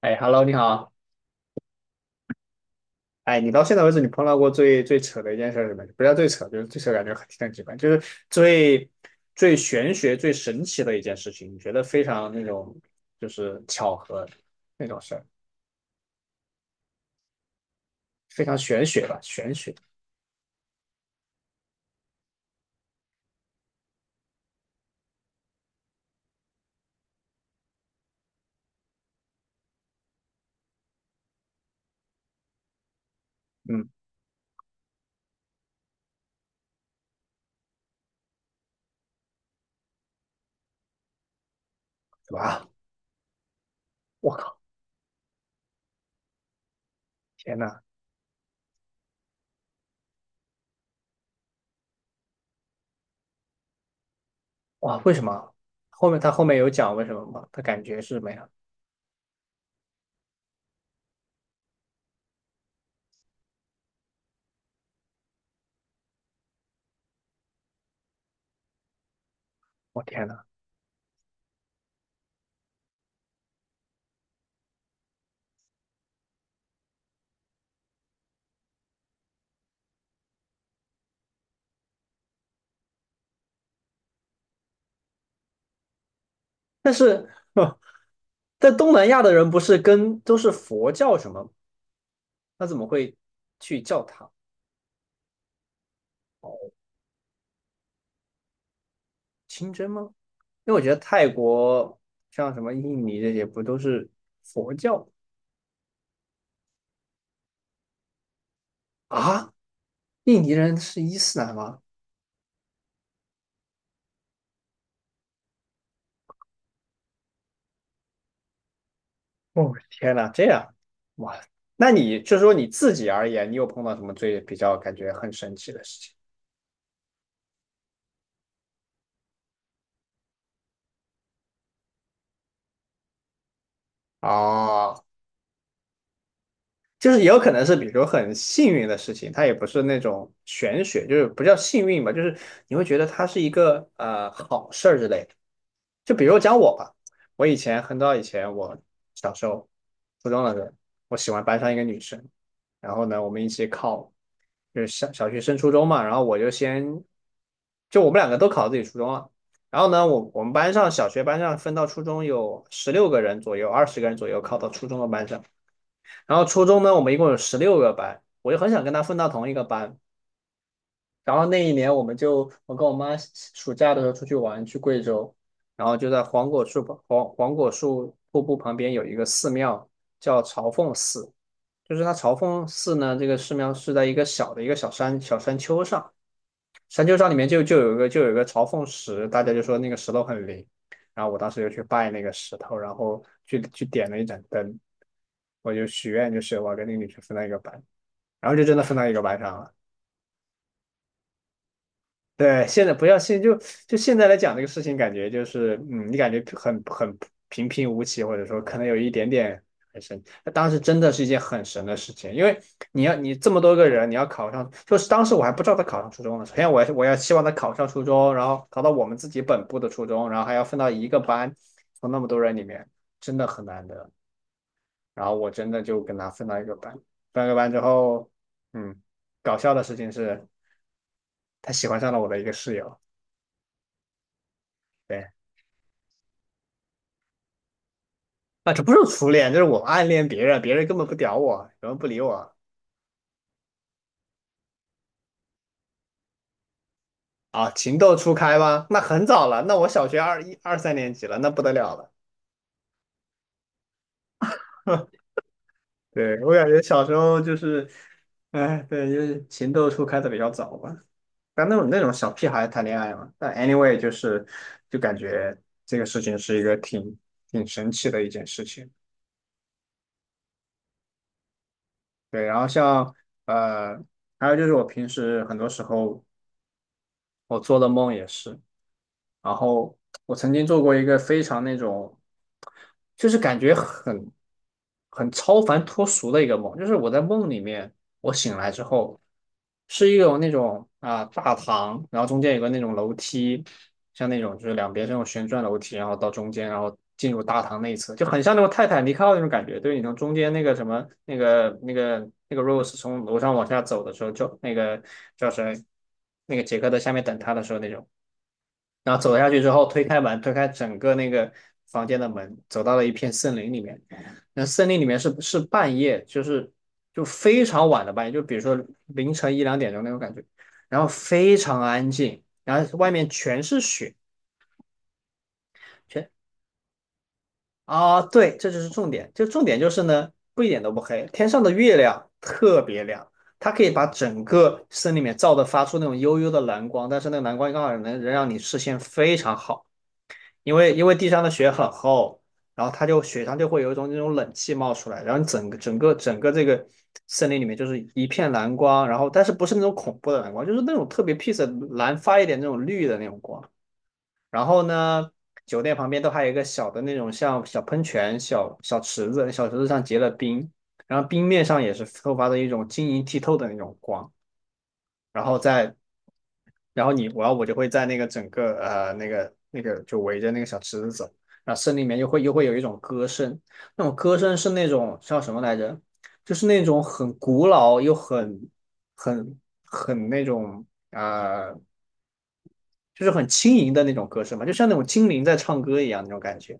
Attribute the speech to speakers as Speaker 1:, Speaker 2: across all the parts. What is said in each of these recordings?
Speaker 1: 哎，Hello，你好。哎，你到现在为止，你碰到过最扯的一件事儿是什么？不叫最扯，就是最扯，感觉很挺很奇怪，就是最最玄学、最神奇的一件事情，你觉得非常那种就是巧合那种事儿，非常玄学吧？玄学，嗯，哇，我靠，天呐，哇，为什么？他后面有讲为什么吗？他感觉是什么呀？我天呐，但是，在东南亚的人不是跟都是佛教什么？那怎么会去教堂？哦？清真吗？因为我觉得泰国像什么印尼这些不都是佛教啊？印尼人是伊斯兰吗？哦，天哪，这样哇！那你就说你自己而言，你有碰到什么最比较感觉很神奇的事情？啊？就是也有可能是，比如很幸运的事情，它也不是那种玄学，就是不叫幸运吧，就是你会觉得它是一个好事儿之类的。就比如讲我吧，我以前很早以前，我小时候初中的时候，我喜欢班上一个女生，然后呢，我们一起考，就是小学升初中嘛，然后我就先，就我们两个都考自己初中了，然后呢，我们班上小学班上分到初中有16个人左右，20个人左右考到初中的班上。然后初中呢，我们一共有16个班，我就很想跟他分到同一个班。然后那一年，我们就我跟我妈暑假的时候出去玩，去贵州，然后就在黄果树瀑布旁边有一个寺庙，叫朝凤寺。就是它朝凤寺呢，这个寺庙是在一个小的一个小山丘上，山丘上里面就有一个朝凤石，大家就说那个石头很灵。然后我当时就去拜那个石头，然后去点了一盏灯，我就许愿，就是我要跟那个女生分到一个班。然后就真的分到一个班上了。对，现在不要信，就现在来讲这个事情，感觉就是你感觉很平平无奇，或者说可能有一点点很神。那当时真的是一件很神的事情，因为你这么多个人，你要考上，就是当时我还不知道他考上初中呢。首先我要希望他考上初中，然后考到我们自己本部的初中，然后还要分到一个班，从那么多人里面，真的很难得。然后我真的就跟他分到一个班，分到一个班之后，嗯，搞笑的事情是。他喜欢上了我的一个室友。对，啊，这不是初恋，这是我暗恋别人，别人根本不屌我，根本不理我啊。情窦初开吗？那很早了，那我小学二一二三年级了，那不得了了。对，我感觉小时候就是，哎，对，就是情窦初开的比较早吧。但那种小屁孩谈恋爱嘛，但 anyway 就是，就感觉这个事情是一个挺神奇的一件事情。对，然后像呃，还有就是我平时很多时候我做的梦也是，然后我曾经做过一个非常那种，就是感觉很超凡脱俗的一个梦，就是我在梦里面，我醒来之后是一种那种大堂，然后中间有个那种楼梯，像那种就是两边这种旋转楼梯，然后到中间，然后进入大堂内侧，就很像那种泰坦尼克号那种感觉，对你从中间那个什么那个那个那个 Rose 从楼上往下走的时候，就那个叫谁那个杰克在下面等他的时候那种。然后走下去之后，推开门，推开整个那个房间的门，走到了一片森林里面。那森林里面是半夜，就是就非常晚的半夜，就比如说凌晨一两点钟那种感觉，然后非常安静，然后外面全是雪，全啊，对，这就是重点，就重点就是呢，不一点都不黑，天上的月亮特别亮。它可以把整个森林里面照的发出那种幽幽的蓝光，但是那个蓝光刚好能让你视线非常好。因为地上的雪很厚，然后它就雪上就会有一种那种冷气冒出来，然后整个这个森林里面就是一片蓝光，然后但是不是那种恐怖的蓝光，就是那种特别 peace 的蓝发一点那种绿的那种光。然后呢，酒店旁边都还有一个小的那种像小喷泉、小小池子，小池子上结了冰，然后冰面上也是透发着一种晶莹剔透的那种光。然后在，然后你我要我就会在那个整个呃那个那个就围着那个小池子走，然后森林里面又会有一种歌声，那种歌声是那种叫什么来着？就是那种很古老又很很很那种呃，就是很轻盈的那种歌声嘛，就像那种精灵在唱歌一样那种感觉。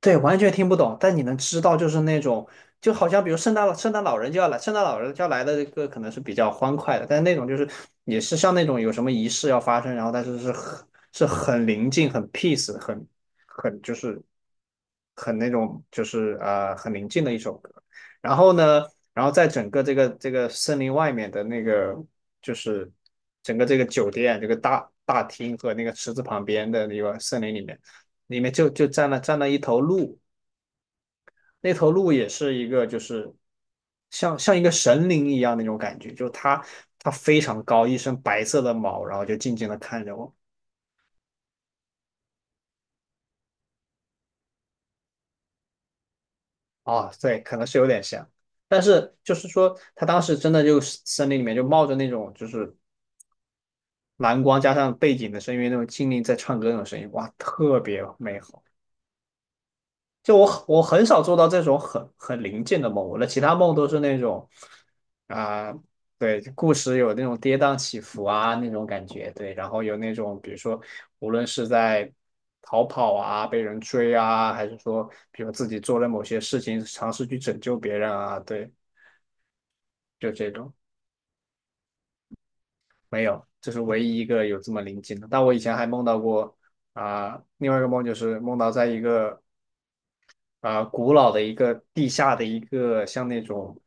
Speaker 1: 对，完全听不懂，但你能知道，就是那种，就好像比如圣诞老人就要来，圣诞老人就要来的这个可能是比较欢快的，但是那种就是也是像那种有什么仪式要发生，然后但是是很是很宁静、很 peace、很很就是很那种就是呃很宁静的一首歌。然后呢，然后在整个这个森林外面的那个就是整个这个酒店这个大厅和那个池子旁边的那个森林里面。里面就就站了站了一头鹿，那头鹿也是一个就是像一个神灵一样那种感觉，就它非常高，一身白色的毛，然后就静静的看着我。啊，对，可能是有点像，但是就是说它当时真的就是森林里面就冒着那种就是蓝光加上背景的声音，那种精灵在唱歌那种声音，哇，特别美好。就我很少做到这种很灵境的梦，我的其他梦都是那种啊、对，故事有那种跌宕起伏啊那种感觉，对，然后有那种比如说无论是在逃跑啊、被人追啊，还是说比如自己做了某些事情尝试去拯救别人啊，对，就这种没有，这是唯一一个有这么灵境的。但我以前还梦到过另外一个梦就是梦到在一个古老的一个地下的一个像那种。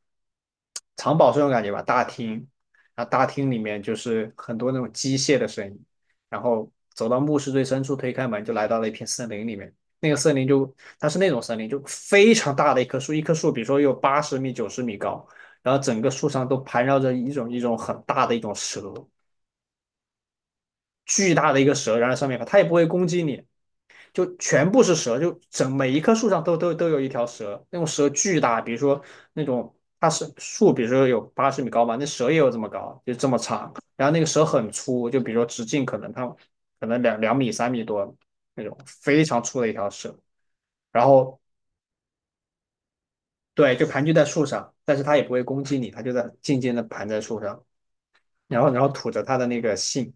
Speaker 1: 藏宝是那种感觉吧，大厅，然后大厅里面就是很多那种机械的声音，然后走到墓室最深处，推开门就来到了一片森林里面。那个森林就它是那种森林，就非常大的一棵树，一棵树比如说有八十米、90米高，然后整个树上都盘绕着一种很大的一种蛇，巨大的一个蛇，然后上面它也不会攻击你，就全部是蛇，就整每一棵树上都有一条蛇，那种蛇巨大，比如说那种它是树，比如说有八十米高嘛，那蛇也有这么高，就这么长，然后那个蛇很粗，就比如说直径可能它可能两米三米多那种，非常粗的一条蛇，然后对，就盘踞在树上，但是它也不会攻击你，它就在静静的盘在树上，然后吐着它的那个信，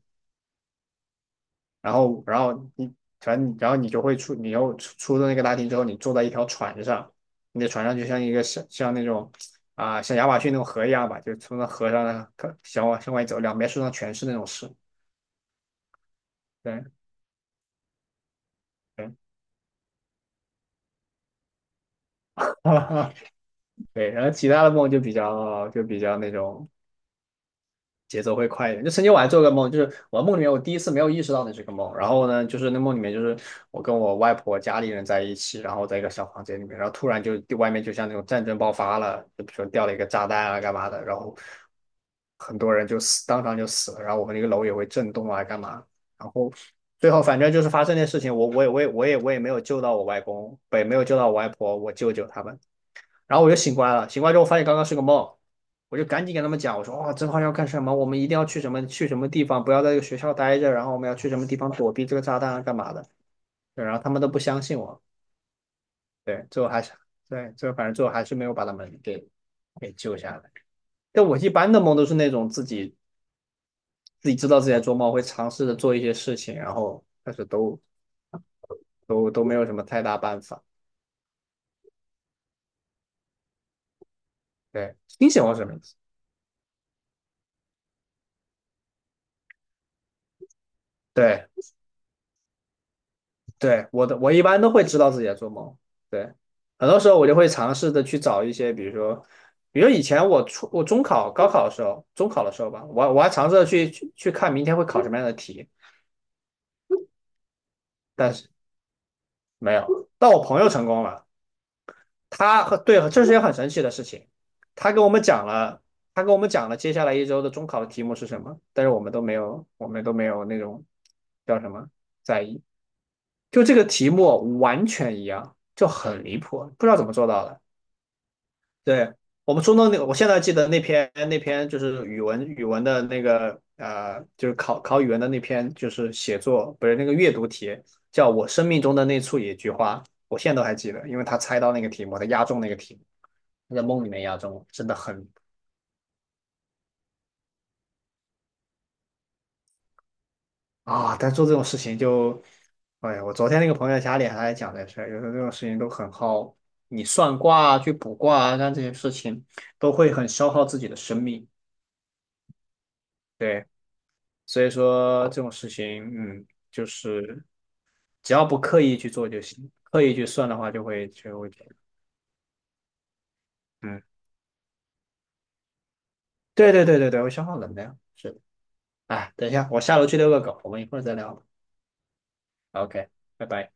Speaker 1: 然后你反正然后你就会出，你又出了那个大厅之后，你坐在一条船上，你的船上就像一个像那种像亚马逊那种河一样吧，就从那河上看向往向外走，两边树上全是那种蛇，对对 对，然后其他的梦就比较那种节奏会快一点。就曾经我还做个梦，就是我梦里面我第一次没有意识到那是个梦，然后呢，就是那梦里面就是我跟我外婆家里人在一起，然后在一个小房间里面，然后突然就外面就像那种战争爆发了，就比如说掉了一个炸弹啊干嘛的，然后很多人就死，当场就死了，然后我们那个楼也会震动啊干嘛，然后。最后反正就是发生那事情，我也没有救到我外公，不也没有救到我外婆，我舅舅他们，然后我就醒过来了，醒过来之后发现刚刚是个梦，我就赶紧跟他们讲，我说哇，这话要干什么？我们一定要去什么去什么地方，不要在这个学校待着，然后我们要去什么地方躲避这个炸弹啊，干嘛的？对，然后他们都不相信我，对，最后还是对，最后反正最后还是没有把他们给给救下来。但我一般的梦都是那种自己自己知道自己在做梦，会尝试着做一些事情，然后但是都没有什么太大办法。对，清醒梦是什么意思？对，对，我的，我一般都会知道自己在做梦。对，很多时候我就会尝试的去找一些，比如说，比如以前我初我中考、高考的时候，中考的时候吧，我我还尝试着去看明天会考什么样的题，但是没有。但我朋友成功了，他和对，这是一件很神奇的事情。他跟我们讲了，他跟我们讲了接下来1周的中考的题目是什么，但是我们都没有，我们都没有那种叫什么在意，就这个题目完全一样，就很离谱，不知道怎么做到的。对，我们初中那个，我现在记得那篇就是语文的那个就是考语文的那篇，就是写作不是那个阅读题，叫我生命中的那处野菊花，我现在都还记得，因为他猜到那个题目，他押中那个题目，他在梦里面押中，真的很啊！但做这种事情就，哎呀，我昨天那个朋友家里还在讲这事儿，有时候这种事情都很耗，你算卦啊，去卜卦啊，干这些事情都会很消耗自己的生命。对。所以说这种事情，嗯，就是只要不刻意去做就行，刻意去算的话就会这样，嗯，对对对对对，会消耗能量，是的。哎，等一下，我下楼去遛个狗，我们一会儿再聊。OK，拜拜。